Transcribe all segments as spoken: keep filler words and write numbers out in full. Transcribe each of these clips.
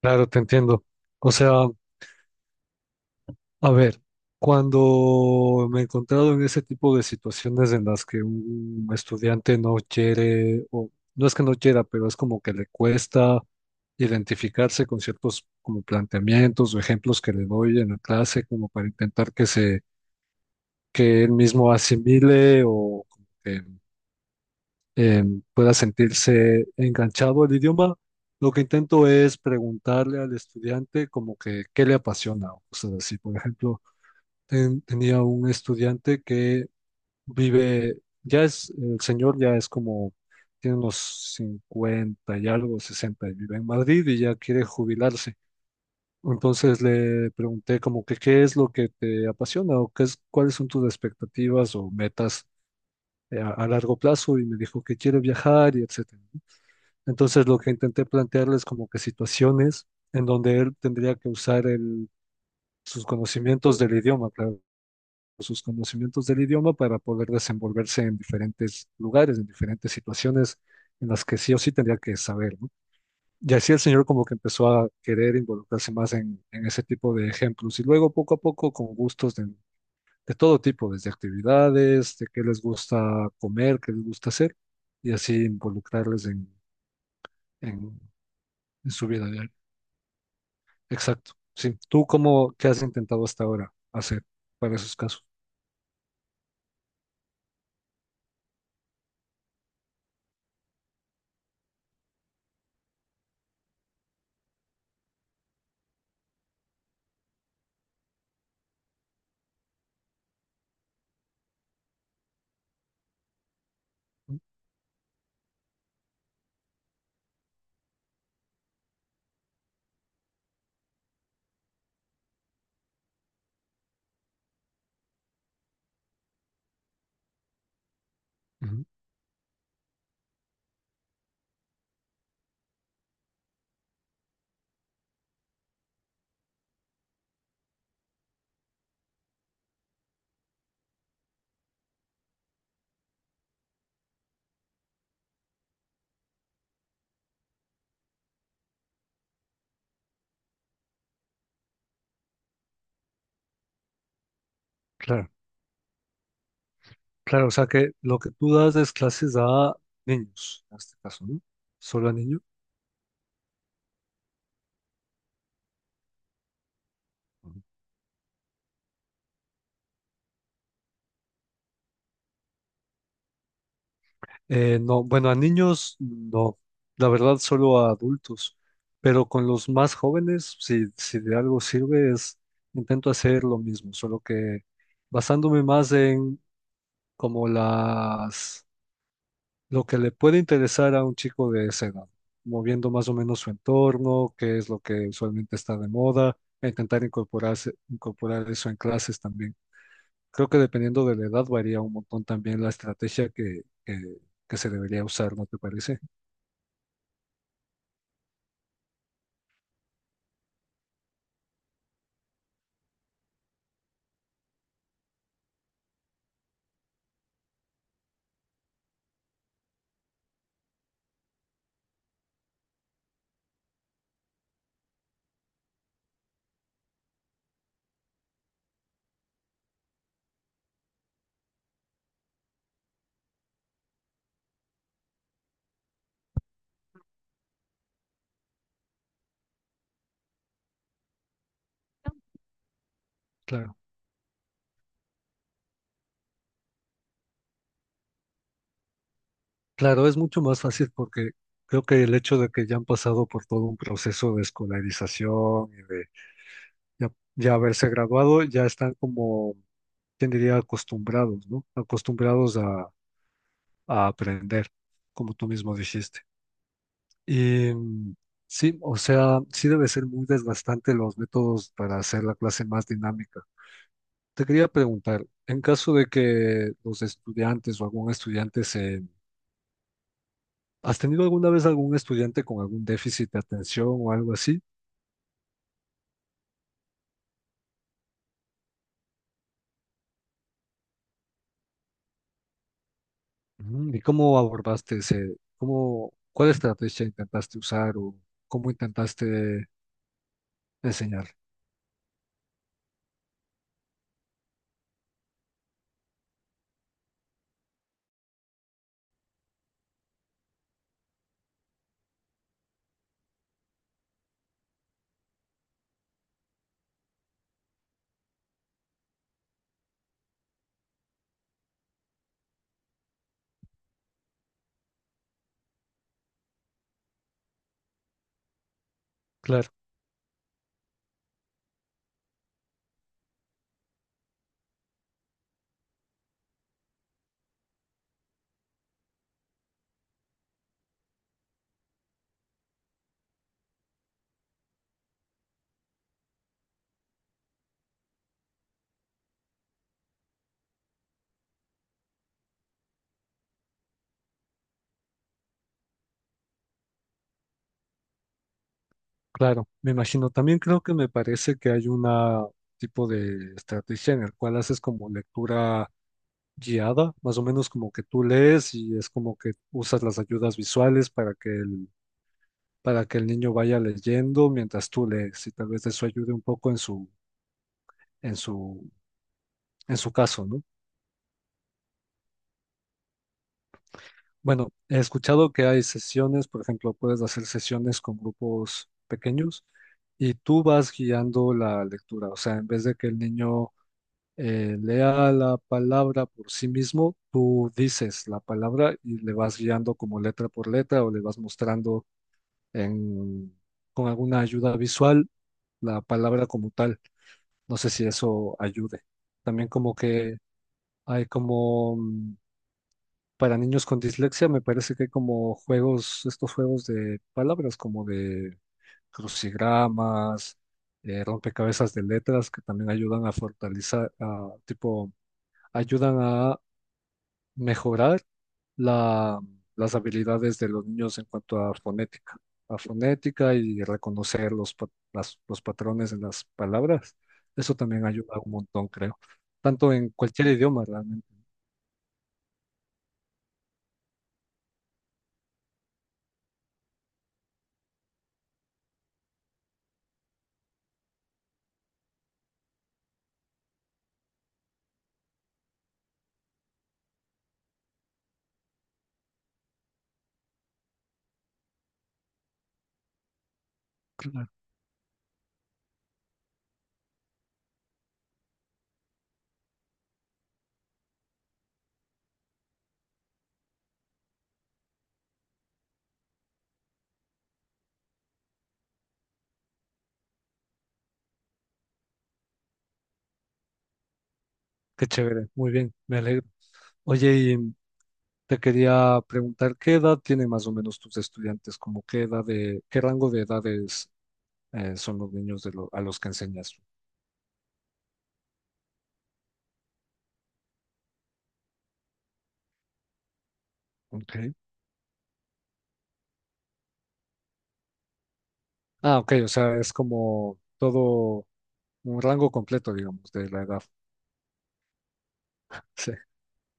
Claro, te entiendo. O sea, a ver, cuando me he encontrado en ese tipo de situaciones en las que un estudiante no quiere, o no es que no quiera, pero es como que le cuesta identificarse con ciertos como planteamientos o ejemplos que le doy en la clase, como para intentar que se, que él mismo asimile o como que eh, pueda sentirse enganchado al idioma. Lo que intento es preguntarle al estudiante como que qué le apasiona o cosas así. Por ejemplo, ten- tenía un estudiante que vive, ya es, el señor ya es como, tiene unos cincuenta y algo, sesenta, y vive en Madrid y ya quiere jubilarse. Entonces le pregunté como que qué es lo que te apasiona o qué es, cuáles son tus expectativas o metas eh, a, a largo plazo y me dijo que quiere viajar y etcétera. Entonces lo que intenté plantearles como que situaciones en donde él tendría que usar el- sus conocimientos del idioma, claro, sus conocimientos del idioma para poder desenvolverse en diferentes lugares, en diferentes situaciones en las que sí o sí tendría que saber, ¿no? Y así el señor como que empezó a querer involucrarse más en, en ese tipo de ejemplos y luego poco a poco con gustos de, de todo tipo, desde actividades, de qué les gusta comer, qué les gusta hacer y así involucrarles en, en en su vida diaria. Exacto. Sí. ¿Tú cómo, qué has intentado hasta ahora hacer para esos casos? Ujú. Claro, claro, o sea que lo que tú das es clases a niños, en este caso, ¿no? Solo a niños. Ujú. Eh, no, bueno, a niños no, la verdad solo a adultos, pero con los más jóvenes, si, si de algo sirve, es intento hacer lo mismo, solo que basándome más en como las lo que le puede interesar a un chico de esa edad, moviendo más o menos su entorno, qué es lo que usualmente está de moda, e intentar incorporarse, incorporar eso en clases también. Creo que dependiendo de la edad varía un montón también la estrategia que, que, que se debería usar, ¿no te parece? Claro. Claro, es mucho más fácil porque creo que el hecho de que ya han pasado por todo un proceso de escolarización y de ya, ya haberse graduado, ya están como, ¿quién diría?, acostumbrados, ¿no? Acostumbrados a a aprender, como tú mismo dijiste. Y mm, sí, o sea, sí debe ser muy desgastante los métodos para hacer la clase más dinámica. Te quería preguntar, en caso de que los estudiantes o algún estudiante se... ¿Has tenido alguna vez algún estudiante con algún déficit de atención o algo así? Ujú. ¿Y cómo abordaste ese, cómo, cuál estrategia intentaste usar o cómo intentaste enseñar? Claro. Claro, me imagino. También creo que me parece que hay una tipo de estrategia en el cual haces como lectura guiada, más o menos como que tú lees y es como que usas las ayudas visuales para que el, para que el niño vaya leyendo mientras tú lees y tal vez eso ayude un poco en su, en su, en su caso, ¿no? Bueno, he escuchado que hay sesiones, por ejemplo, puedes hacer sesiones con grupos pequeños y tú vas guiando la lectura, o sea, en vez de que el niño eh, lea la palabra por sí mismo, tú dices la palabra y le vas guiando como letra por letra o le vas mostrando en- con alguna ayuda visual la palabra como tal. No sé si eso ayude. También como que hay como mm, para niños con dislexia, me parece que hay como juegos, estos juegos de palabras como de crucigramas. eh, rompecabezas de letras que también ayudan a fortalecer, a, tipo, ayudan a mejorar la- las habilidades de los niños en cuanto a fonética, a fonética y reconocer los, pa- las- los patrones en las palabras. Eso también ayuda un montón, creo. Tanto en cualquier idioma, realmente. Claro. Qué chévere, muy bien, me alegro. Oye, y te quería preguntar, ¿qué edad tienen más o menos tus estudiantes? ¿Como qué edad de, qué rango de edades eh, son los niños de lo- a los que enseñas? Ok. Ah, ok, o sea, es como todo un rango completo, digamos, de la edad. Sí.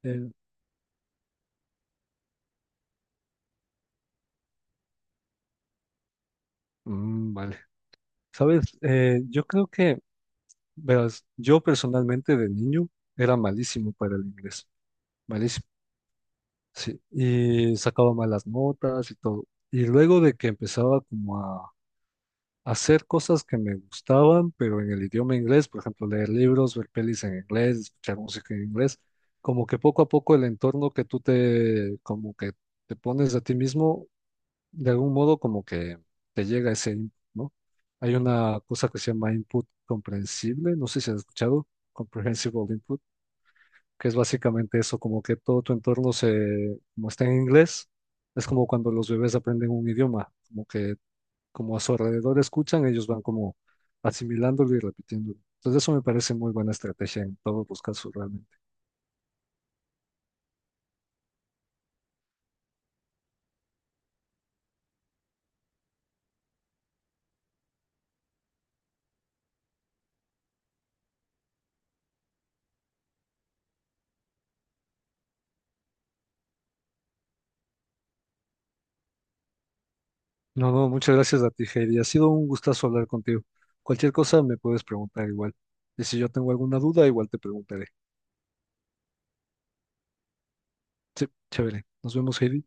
Eh, mm, vale. Sabes, Eh, yo creo que, verás, yo personalmente de niño era malísimo para el inglés, malísimo, sí, y sacaba malas notas y todo. Y luego de que empezaba como a hacer cosas que me gustaban, pero en el idioma inglés, por ejemplo, leer libros, ver pelis en inglés, escuchar música en inglés, como que poco a poco el entorno que tú te, como que te pones a ti mismo de algún modo como que te llega ese input, ¿no? Hay una cosa que se llama input comprensible, no sé si has escuchado, comprehensible input, que es básicamente eso, como que todo tu entorno se, como está en inglés, es como cuando los bebés aprenden un idioma, como que como a su alrededor escuchan, ellos van como asimilándolo y repitiéndolo. Entonces eso me parece muy buena estrategia en todos los casos realmente. No, no, muchas gracias a ti, Heidi. Ha sido un gustazo hablar contigo. Cualquier cosa me puedes preguntar igual. Y si yo tengo alguna duda, igual te preguntaré. Sí, chévere. Nos vemos, Heidi.